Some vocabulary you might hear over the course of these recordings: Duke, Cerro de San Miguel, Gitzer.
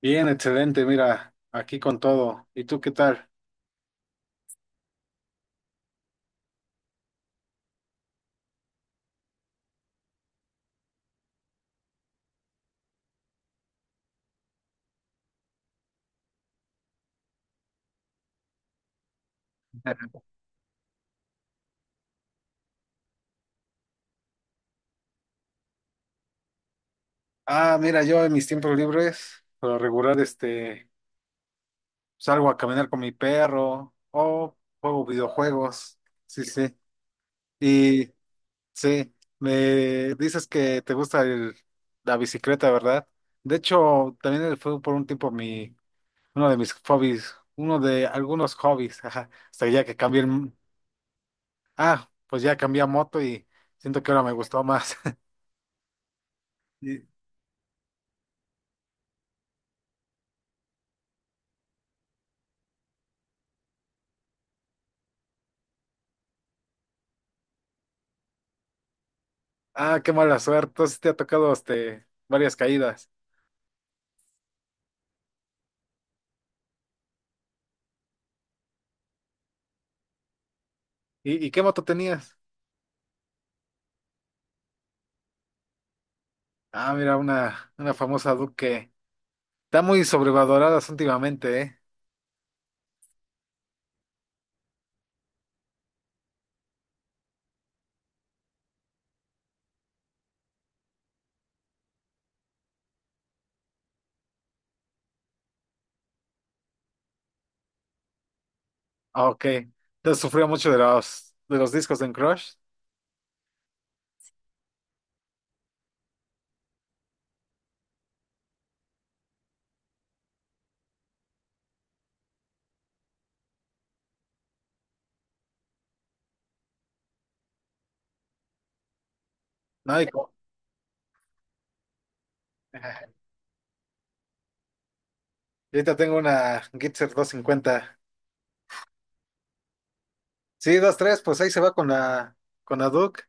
Bien, excelente, mira, aquí con todo. ¿Y tú qué tal? Ah, mira, yo en mis tiempos libres, por lo regular, salgo a caminar con mi perro o juego videojuegos. Sí, sí. Y sí, me dices que te gusta la bicicleta, ¿verdad? De hecho, también fue por un tiempo uno de mis hobbies, uno de algunos hobbies, ajá, hasta ya que ah, pues ya cambié a moto y siento que ahora me gustó más. Ah, qué mala suerte. Entonces te ha tocado varias caídas. ¿Y qué moto tenías? Ah, mira, una famosa Duke. Está muy sobrevaloradas últimamente, ¿eh? Ah, ok. Entonces sufrió mucho de los discos en Crush. No, y ahorita tengo una Gitzer 250. Sí, dos tres, pues ahí se va con la Duke.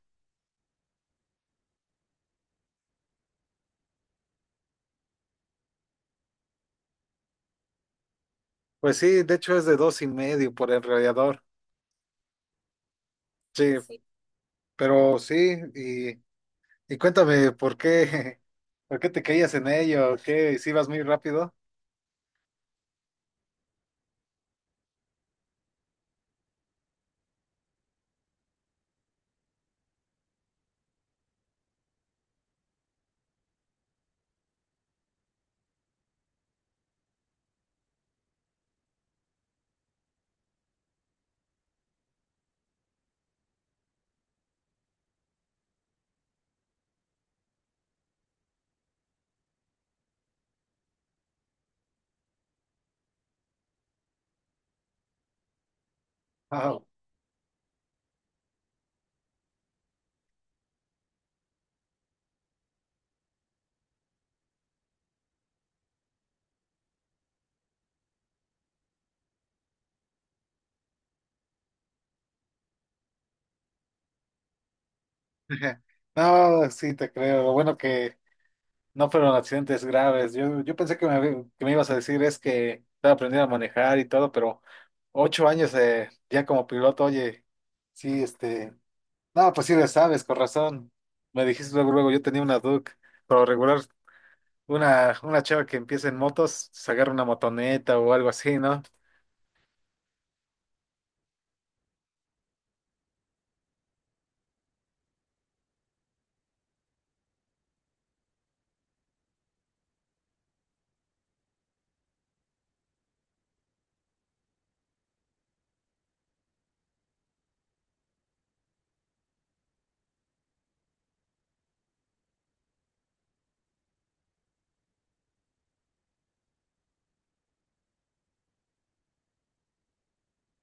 Pues sí, de hecho es de dos y medio por el radiador. Sí, sí, pero sí, y. Y cuéntame, ¿por qué, por qué te caías en ello? ¿Qué, si ibas muy rápido? Ah, no, sí te creo. Lo bueno que no fueron accidentes graves. Yo pensé que que me ibas a decir es que estaba aprendiendo a manejar y todo, pero 8 años ya como piloto, oye, sí, no, pues sí le sabes, con razón. Me dijiste luego, luego, yo tenía una Duke, pero regular, una chava que empieza en motos, se agarra una motoneta o algo así, ¿no?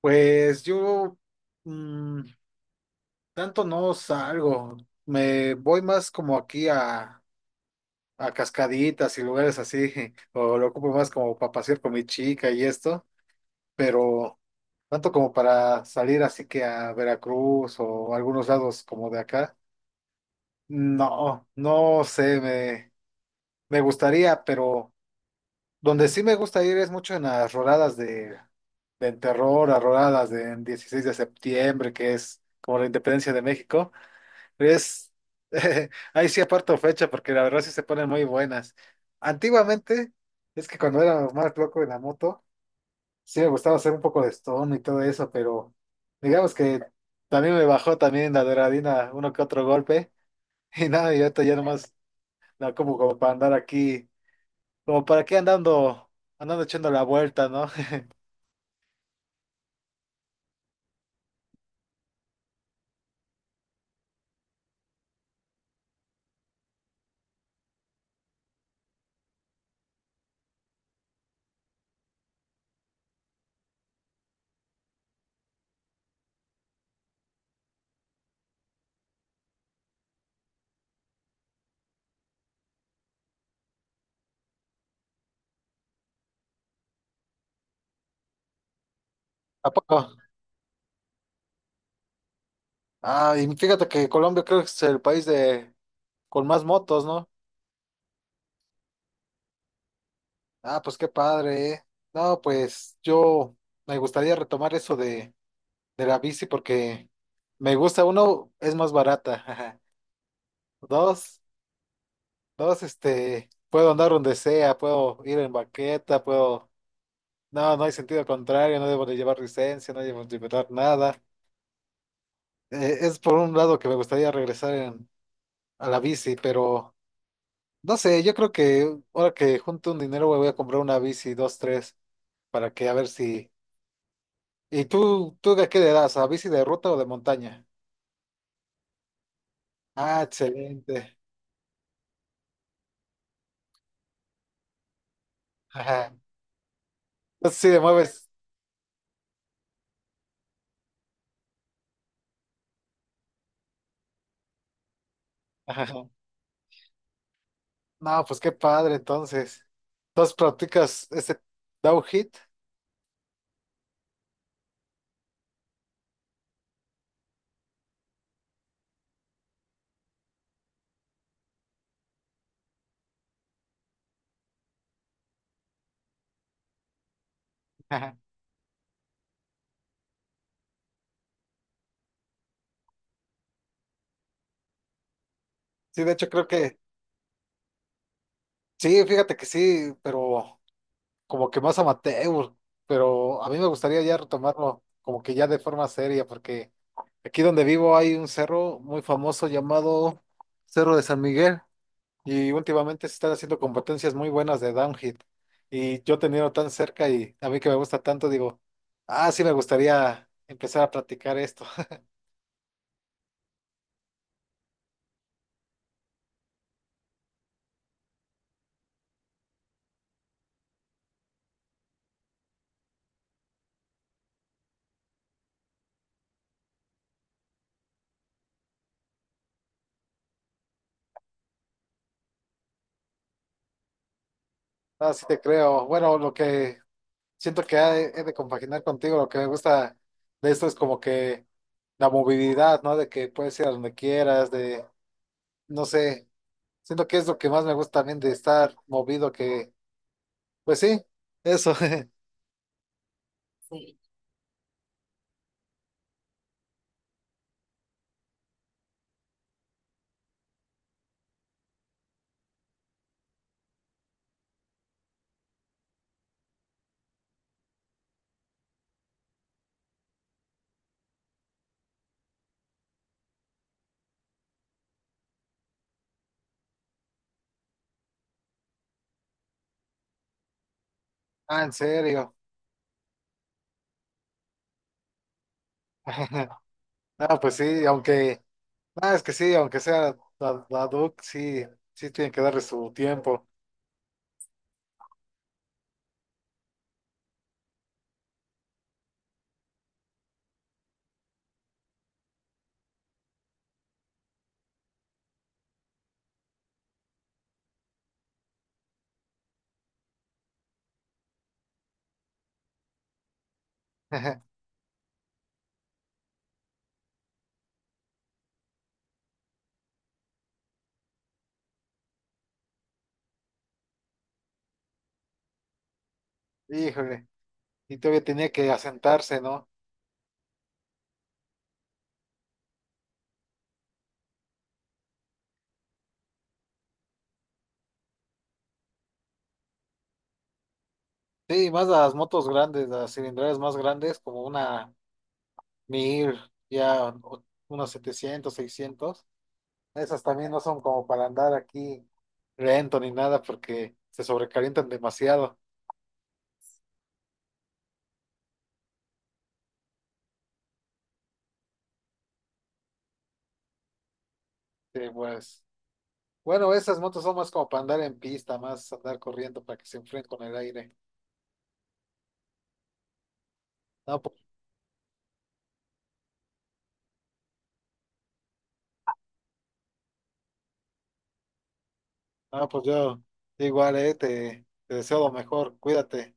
Pues yo mm, tanto no salgo. Me voy más como aquí a cascaditas y lugares así, o lo ocupo más como para pasear con mi chica y esto. Pero tanto como para salir así que a Veracruz o algunos lados como de acá, no, no sé, me gustaría, pero donde sí me gusta ir es mucho en las rodadas de terror, a rodadas de 16 de septiembre, que es como la independencia de México. Es, ahí sí aparto fecha porque la verdad sí se ponen muy buenas. Antiguamente, es que cuando era más loco en la moto, sí me gustaba hacer un poco de stone y todo eso, pero digamos que también me bajó también la adrenalina uno que otro golpe. Y nada, y ahorita ya nomás, no, como para andar aquí, como para aquí andando echando la vuelta, ¿no? ¿A poco? Ah, y fíjate que Colombia creo que es el país de, con más motos, ¿no? Ah, pues qué padre, ¿eh? No, pues yo me gustaría retomar eso de la bici porque me gusta. Uno, es más barata, ajá. Dos, dos, puedo andar donde sea, puedo ir en baqueta, puedo, no, no hay sentido contrario, no debo de llevar licencia, no debo de llevar nada. Es por un lado que me gustaría regresar a la bici, pero no sé, yo creo que ahora que junto un dinero me voy a comprar una bici, dos, tres, para que a ver si. ¿Y tú de qué le das? ¿A bici de ruta o de montaña? Ah, excelente. Ajá. Entonces sí le mueves. Ajá. No, pues qué padre entonces. Entonces practicas ese downhill. Ajá. Sí, de hecho creo que, sí, fíjate que sí, pero como que más amateur, pero a mí me gustaría ya retomarlo como que ya de forma seria, porque aquí donde vivo hay un cerro muy famoso llamado Cerro de San Miguel. Y últimamente se están haciendo competencias muy buenas de downhill. Y yo teniendo tan cerca y a mí que me gusta tanto, digo, ah, sí me gustaría empezar a practicar esto. Ah, sí te creo. Bueno, lo que siento que he de compaginar contigo, lo que me gusta de esto es como que la movilidad, ¿no? De que puedes ir a donde quieras, de, no sé, siento que es lo que más me gusta también de estar movido, que, pues sí, eso. Ah, en serio. Ah, pues sí, aunque. Ah, es que sí, aunque sea la Duke, sí, sí tienen que darle su tiempo. Híjole, y todavía tenía que asentarse, ¿no? Sí, más las motos grandes, las cilindradas más grandes, como una 1000 ya unos 700 600. Esas también no son como para andar aquí lento ni nada porque se sobrecalientan demasiado. Sí, pues, bueno, esas motos son más como para andar en pista, más andar corriendo para que se enfríen con el aire. No, ah, pues yo igual, te deseo lo mejor, cuídate.